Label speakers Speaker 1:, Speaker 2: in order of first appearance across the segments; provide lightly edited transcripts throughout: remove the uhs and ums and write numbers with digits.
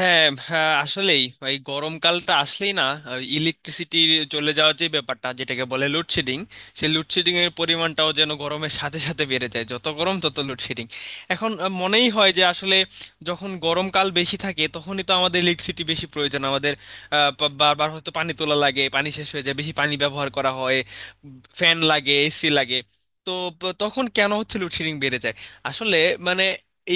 Speaker 1: হ্যাঁ, হ্যাঁ, আসলেই এই গরমকালটা আসলেই না, ইলেকট্রিসিটি চলে যাওয়ার যে ব্যাপারটা যেটাকে বলে লোডশেডিং, সেই লোডশেডিং এর পরিমাণটাও যেন গরমের সাথে সাথে বেড়ে যায়। যত গরম তত লোডশেডিং। এখন মনেই হয় যে আসলে যখন গরমকাল বেশি থাকে তখনই তো আমাদের ইলেকট্রিসিটি বেশি প্রয়োজন। আমাদের বারবার হয়তো পানি তোলা লাগে, পানি শেষ হয়ে যায়, বেশি পানি ব্যবহার করা হয়, ফ্যান লাগে, এসি লাগে। তো তখন কেন হচ্ছে লোডশেডিং বেড়ে যায়? আসলে মানে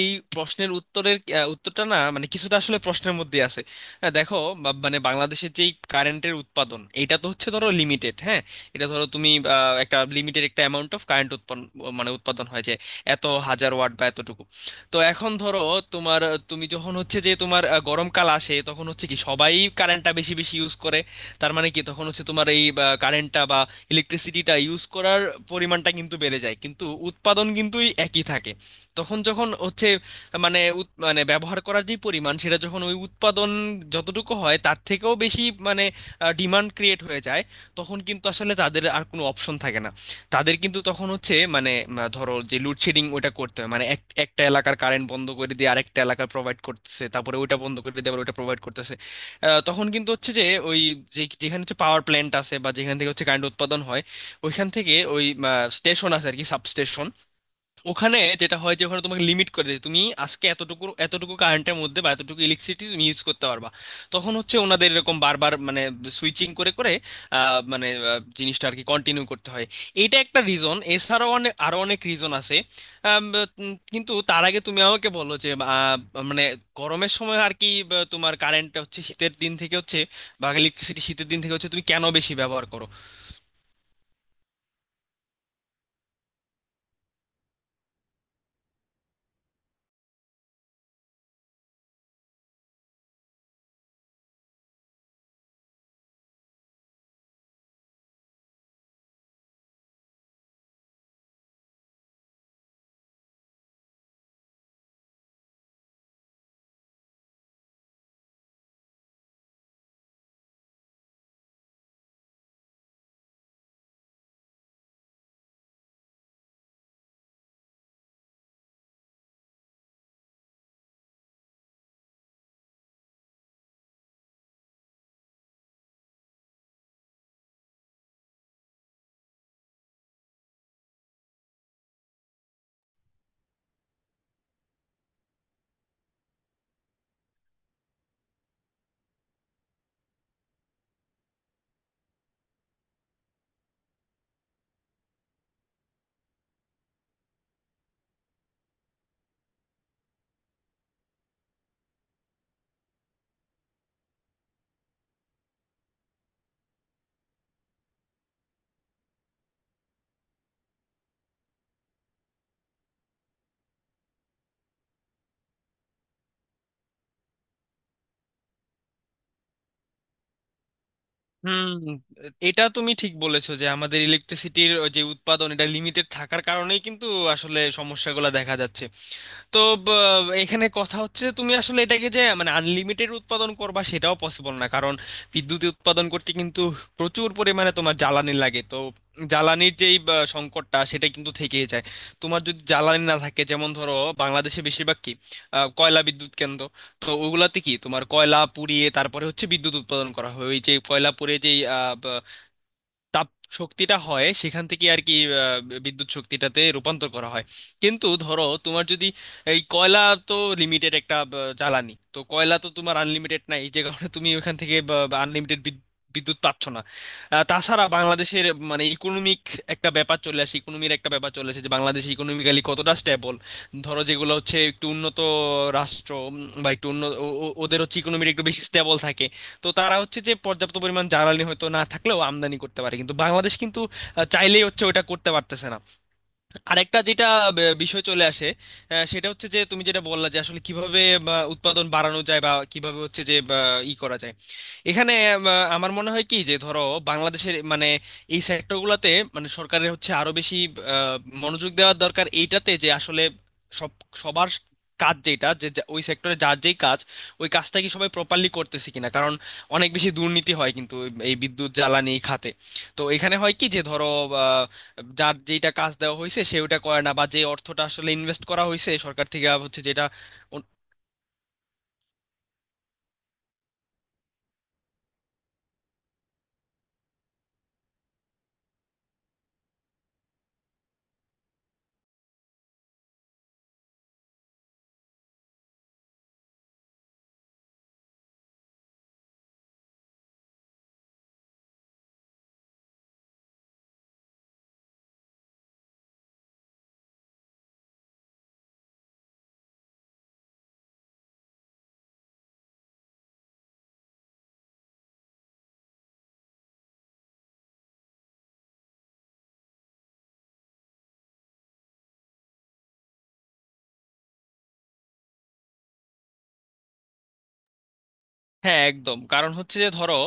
Speaker 1: এই প্রশ্নের উত্তরের উত্তরটা না মানে কিছুটা আসলে প্রশ্নের মধ্যে আছে। হ্যাঁ, দেখো, মানে বাংলাদেশের যেই কারেন্টের উৎপাদন এটা তো হচ্ছে, ধরো, লিমিটেড, হ্যাঁ। এটা ধরো তুমি একটা লিমিটেড, একটা অ্যামাউন্ট অফ কারেন্ট উৎপন্ন মানে উৎপাদন হয় যে এত হাজার ওয়াট বা এতটুকু। তো এখন ধরো তোমার তুমি যখন হচ্ছে যে তোমার গরমকাল আসে তখন হচ্ছে কি সবাই কারেন্টটা বেশি বেশি ইউজ করে। তার মানে কি তখন হচ্ছে তোমার এই কারেন্টটা বা ইলেকট্রিসিটিটা ইউজ করার পরিমাণটা কিন্তু বেড়ে যায়, কিন্তু উৎপাদন কিন্তু এই একই থাকে। তখন যখন হচ্ছে মানে মানে ব্যবহার করার যে পরিমাণ সেটা যখন ওই উৎপাদন যতটুকু হয় তার থেকেও বেশি, মানে ডিমান্ড ক্রিয়েট হয়ে যায়, তখন কিন্তু আসলে তাদের আর কোনো অপশন থাকে না। তাদের কিন্তু তখন হচ্ছে মানে ধরো যে লোডশেডিং ওটা করতে হয়, মানে একটা এলাকার কারেন্ট বন্ধ করে দিয়ে আরেকটা এলাকা প্রোভাইড করতেছে, তারপরে ওটা বন্ধ করে দিয়ে আবার ওটা প্রোভাইড করতেছে। তখন কিন্তু হচ্ছে যে ওই যে যেখানে হচ্ছে পাওয়ার প্ল্যান্ট আছে বা যেখান থেকে হচ্ছে কারেন্ট উৎপাদন হয় ওইখান থেকে ওই স্টেশন আছে আর কি, সাবস্টেশন। ওখানে যেটা হয় যে ওখানে তোমাকে লিমিট করে দেয় তুমি আজকে এতটুকু এতটুকু কারেন্টের মধ্যে বা এতটুকু ইলেকট্রিসিটি তুমি ইউজ করতে পারবা। তখন হচ্ছে ওনাদের এরকম বারবার মানে সুইচিং করে করে মানে জিনিসটা আর কি কন্টিনিউ করতে হয়। এটা একটা রিজন, এছাড়াও অনেক আরো অনেক রিজন আছে। আম, কিন্তু তার আগে তুমি আমাকে বলো যে মানে গরমের সময় আর কি, বা তোমার কারেন্টটা হচ্ছে শীতের দিন থেকে হচ্ছে বা ইলেকট্রিসিটি শীতের দিন থেকে হচ্ছে তুমি কেন বেশি ব্যবহার করো? হুম। এটা তুমি ঠিক বলেছো যে আমাদের ইলেকট্রিসিটির যে উৎপাদন এটা লিমিটেড থাকার কারণেই কিন্তু আসলে সমস্যাগুলো দেখা যাচ্ছে। তো এখানে কথা হচ্ছে যে তুমি আসলে এটাকে যে মানে আনলিমিটেড উৎপাদন করবা সেটাও পসিবল না, কারণ বিদ্যুৎ উৎপাদন করতে কিন্তু প্রচুর পরিমাণে তোমার জ্বালানি লাগে। তো জ্বালানির যেই সংকটটা সেটা কিন্তু থেকেই যায়। তোমার যদি জ্বালানি না থাকে, যেমন ধরো বাংলাদেশে বেশিরভাগ কি কয়লা বিদ্যুৎ কেন্দ্র। তো ওগুলাতে কি তোমার কয়লা পুড়িয়ে তারপরে হচ্ছে বিদ্যুৎ উৎপাদন করা হয়, ওই যে কয়লা পুড়িয়ে যেই তাপ শক্তিটা হয় সেখান থেকে আর কি বিদ্যুৎ শক্তিটাতে রূপান্তর করা হয়। কিন্তু ধরো তোমার যদি এই কয়লা, তো লিমিটেড একটা জ্বালানি, তো কয়লা তো তোমার আনলিমিটেড নাই, যে কারণে তুমি ওখান থেকে আনলিমিটেড বিদ্যুৎ পাচ্ছ না। তাছাড়া বাংলাদেশের মানে ইকোনমিক একটা ব্যাপার চলে আসে, ইকোনমির একটা ব্যাপার চলে আসে যে বাংলাদেশ ইকোনমিক্যালি কতটা স্টেবল। ধরো যেগুলো হচ্ছে একটু উন্নত রাষ্ট্র, বা একটু উন্নত, ওদের হচ্ছে ইকোনমির একটু বেশি স্টেবল থাকে। তো তারা হচ্ছে যে পর্যাপ্ত পরিমাণ জ্বালানি হয়তো না থাকলেও আমদানি করতে পারে, কিন্তু বাংলাদেশ কিন্তু চাইলেই হচ্ছে ওটা করতে পারতেছে না। আরেকটা যেটা বিষয় চলে আসে, সেটা হচ্ছে যে তুমি যেটা বললা যে আসলে কিভাবে উৎপাদন বাড়ানো যায় বা কিভাবে হচ্ছে যে ই করা যায়। এখানে আমার মনে হয় কি যে, ধরো, বাংলাদেশের মানে এই সেক্টরগুলোতে মানে সরকারের হচ্ছে আরো বেশি আহ, মনোযোগ দেওয়ার দরকার এইটাতে যে আসলে সব সবার কাজ যেটা যে ওই সেক্টরে যার যেই কাজ ওই কাজটা কি সবাই প্রপারলি করতেছে কিনা, কারণ অনেক বেশি দুর্নীতি হয় কিন্তু এই বিদ্যুৎ জ্বালানি খাতে। তো এখানে হয় কি যে ধরো যার যেটা কাজ দেওয়া হয়েছে সে ওটা করে না, বা যে অর্থটা আসলে ইনভেস্ট করা হয়েছে সরকার থেকে আবার হচ্ছে যেটা। হ্যাঁ, একদম, কারণ হচ্ছে যে ধরো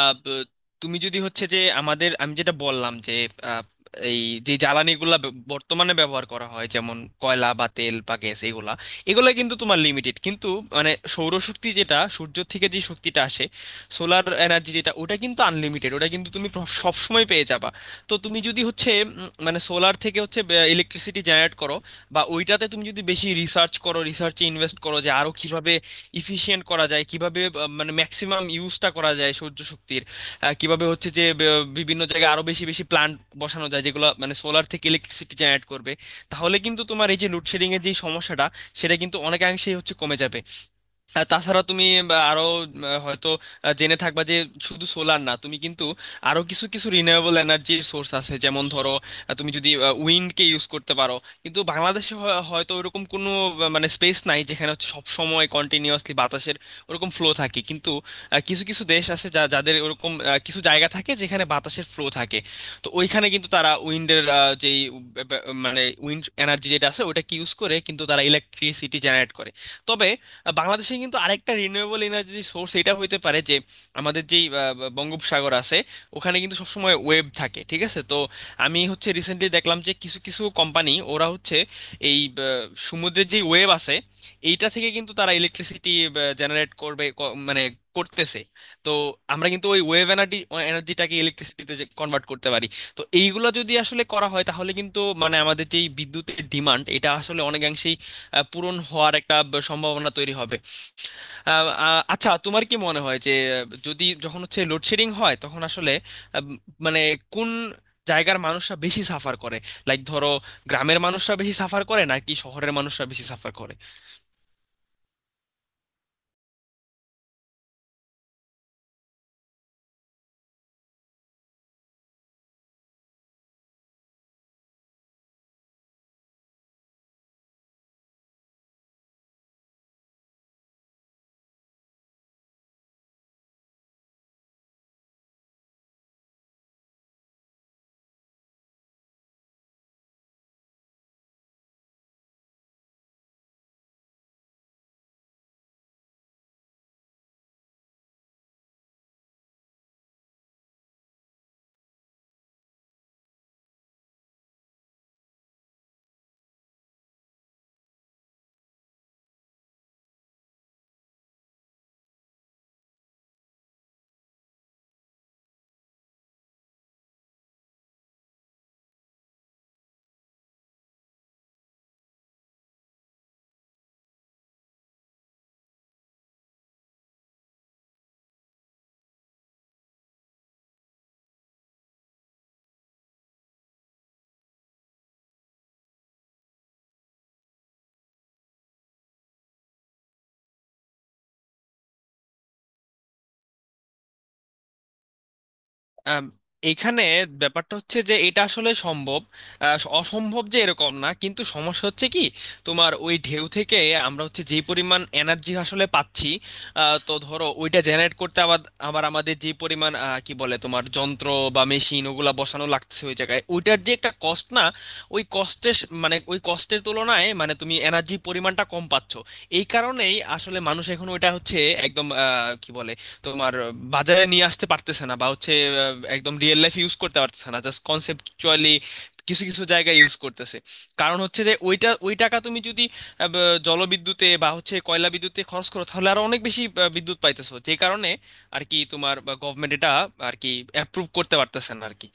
Speaker 1: আহ, ব- তুমি যদি হচ্ছে যে আমাদের আমি যেটা বললাম যে আহ, এই যে জ্বালানিগুলা বর্তমানে ব্যবহার করা হয় যেমন কয়লা বা তেল বা গ্যাস, এগুলা এগুলা কিন্তু তোমার লিমিটেড, কিন্তু মানে সৌরশক্তি যেটা সূর্য থেকে যে শক্তিটা আসে, সোলার এনার্জি যেটা, ওটা কিন্তু আনলিমিটেড, ওটা কিন্তু তুমি সব সময় পেয়ে যাবা। তো তুমি যদি হচ্ছে মানে সোলার থেকে হচ্ছে ইলেকট্রিসিটি জেনারেট করো, বা ওইটাতে তুমি যদি বেশি রিসার্চ করো, রিসার্চে ইনভেস্ট করো যে আরো কিভাবে ইফিশিয়েন্ট করা যায়, কিভাবে মানে ম্যাক্সিমাম ইউজটা করা যায় সৌর শক্তির, কিভাবে হচ্ছে যে বিভিন্ন জায়গায় আরো বেশি বেশি প্ল্যান্ট বসানো যায় যেগুলো মানে সোলার থেকে ইলেকট্রিসিটি জেনারেট করবে, তাহলে কিন্তু তোমার এই যে লোডশেডিং এর যে সমস্যাটা সেটা কিন্তু অনেকাংশেই হচ্ছে কমে যাবে। আর তাছাড়া তুমি বা আরো হয়তো জেনে থাকবা যে শুধু সোলার না তুমি কিন্তু আরো কিছু কিছু রিনিউয়েবল এনার্জির সোর্স আছে, যেমন ধরো তুমি যদি উইন্ডকে ইউজ করতে পারো, কিন্তু বাংলাদেশে হয়তো ওরকম কোনো মানে স্পেস নাই যেখানে হচ্ছে সব সময় কন্টিনিউয়াসলি বাতাসের ওরকম ফ্লো থাকে, কিন্তু কিছু কিছু দেশ আছে যাদের ওরকম কিছু জায়গা থাকে যেখানে বাতাসের ফ্লো থাকে। তো ওইখানে কিন্তু তারা উইন্ডের যেই মানে উইন্ড এনার্জি যেটা আছে ওটাকে ইউজ করে কিন্তু তারা ইলেকট্রিসিটি জেনারেট করে। তবে বাংলাদেশে কিন্তু আরেকটা রিনিউয়েবল এনার্জি সোর্স এটা হইতে পারে যে আমাদের যেই বঙ্গোপসাগর আছে, ওখানে কিন্তু সবসময় ওয়েভ থাকে, ঠিক আছে? তো আমি হচ্ছে রিসেন্টলি দেখলাম যে কিছু কিছু কোম্পানি, ওরা হচ্ছে এই আহ, সমুদ্রের যে ওয়েভ আছে এইটা থেকে কিন্তু তারা ইলেকট্রিসিটি জেনারেট করবে, মানে করতেছে। তো আমরা কিন্তু ওই ওয়েভ এনার্জিটাকে ইলেকট্রিসিটিতে কনভার্ট করতে পারি। তো এইগুলো যদি আসলে করা হয় তাহলে কিন্তু মানে আমাদের যে এই বিদ্যুতের ডিমান্ড এটা আসলে অনেকাংশেই পূরণ হওয়ার একটা সম্ভাবনা তৈরি হবে। আহ, আহ, আচ্ছা, তোমার কি মনে হয় যে যদি যখন হচ্ছে লোডশেডিং হয় তখন আসলে আহ, মানে কোন জায়গার মানুষরা বেশি সাফার করে? লাইক ধরো গ্রামের মানুষরা বেশি সাফার করে নাকি শহরের মানুষরা বেশি সাফার করে? আম, এখানে ব্যাপারটা হচ্ছে যে এটা আসলে সম্ভব, অসম্ভব যে এরকম না, কিন্তু সমস্যা হচ্ছে কি তোমার ওই ঢেউ থেকে আমরা হচ্ছে যে পরিমাণ এনার্জি আসলে পাচ্ছি, তো ধরো ওইটা জেনারেট করতে আবার আবার আমাদের যে পরিমাণ কি বলে তোমার যন্ত্র বা মেশিন ওগুলা বসানো লাগছে ওই জায়গায়, ওইটার যে একটা কস্ট না, ওই কষ্টের ওই কষ্টের তুলনায় মানে তুমি এনার্জি পরিমাণটা কম পাচ্ছ। এই কারণেই আসলে মানুষ এখন ওইটা হচ্ছে একদম কি বলে তোমার বাজারে নিয়ে আসতে পারতেছে না, বা হচ্ছে একদম রিয়েল লাইফ ইউজ করতে পারতেছে না, জাস্ট কনসেপচুয়ালি কিছু কিছু জায়গায় ইউজ করতেছে। কারণ হচ্ছে যে ওইটা ওই টাকা তুমি যদি জলবিদ্যুতে বা হচ্ছে কয়লা বিদ্যুতে খরচ করো তাহলে আরো অনেক বেশি বিদ্যুৎ পাইতেছো, যে কারণে আর কি তোমার গভর্নমেন্ট এটা আর কি অ্যাপ্রুভ করতে পারতেছে না আর কি।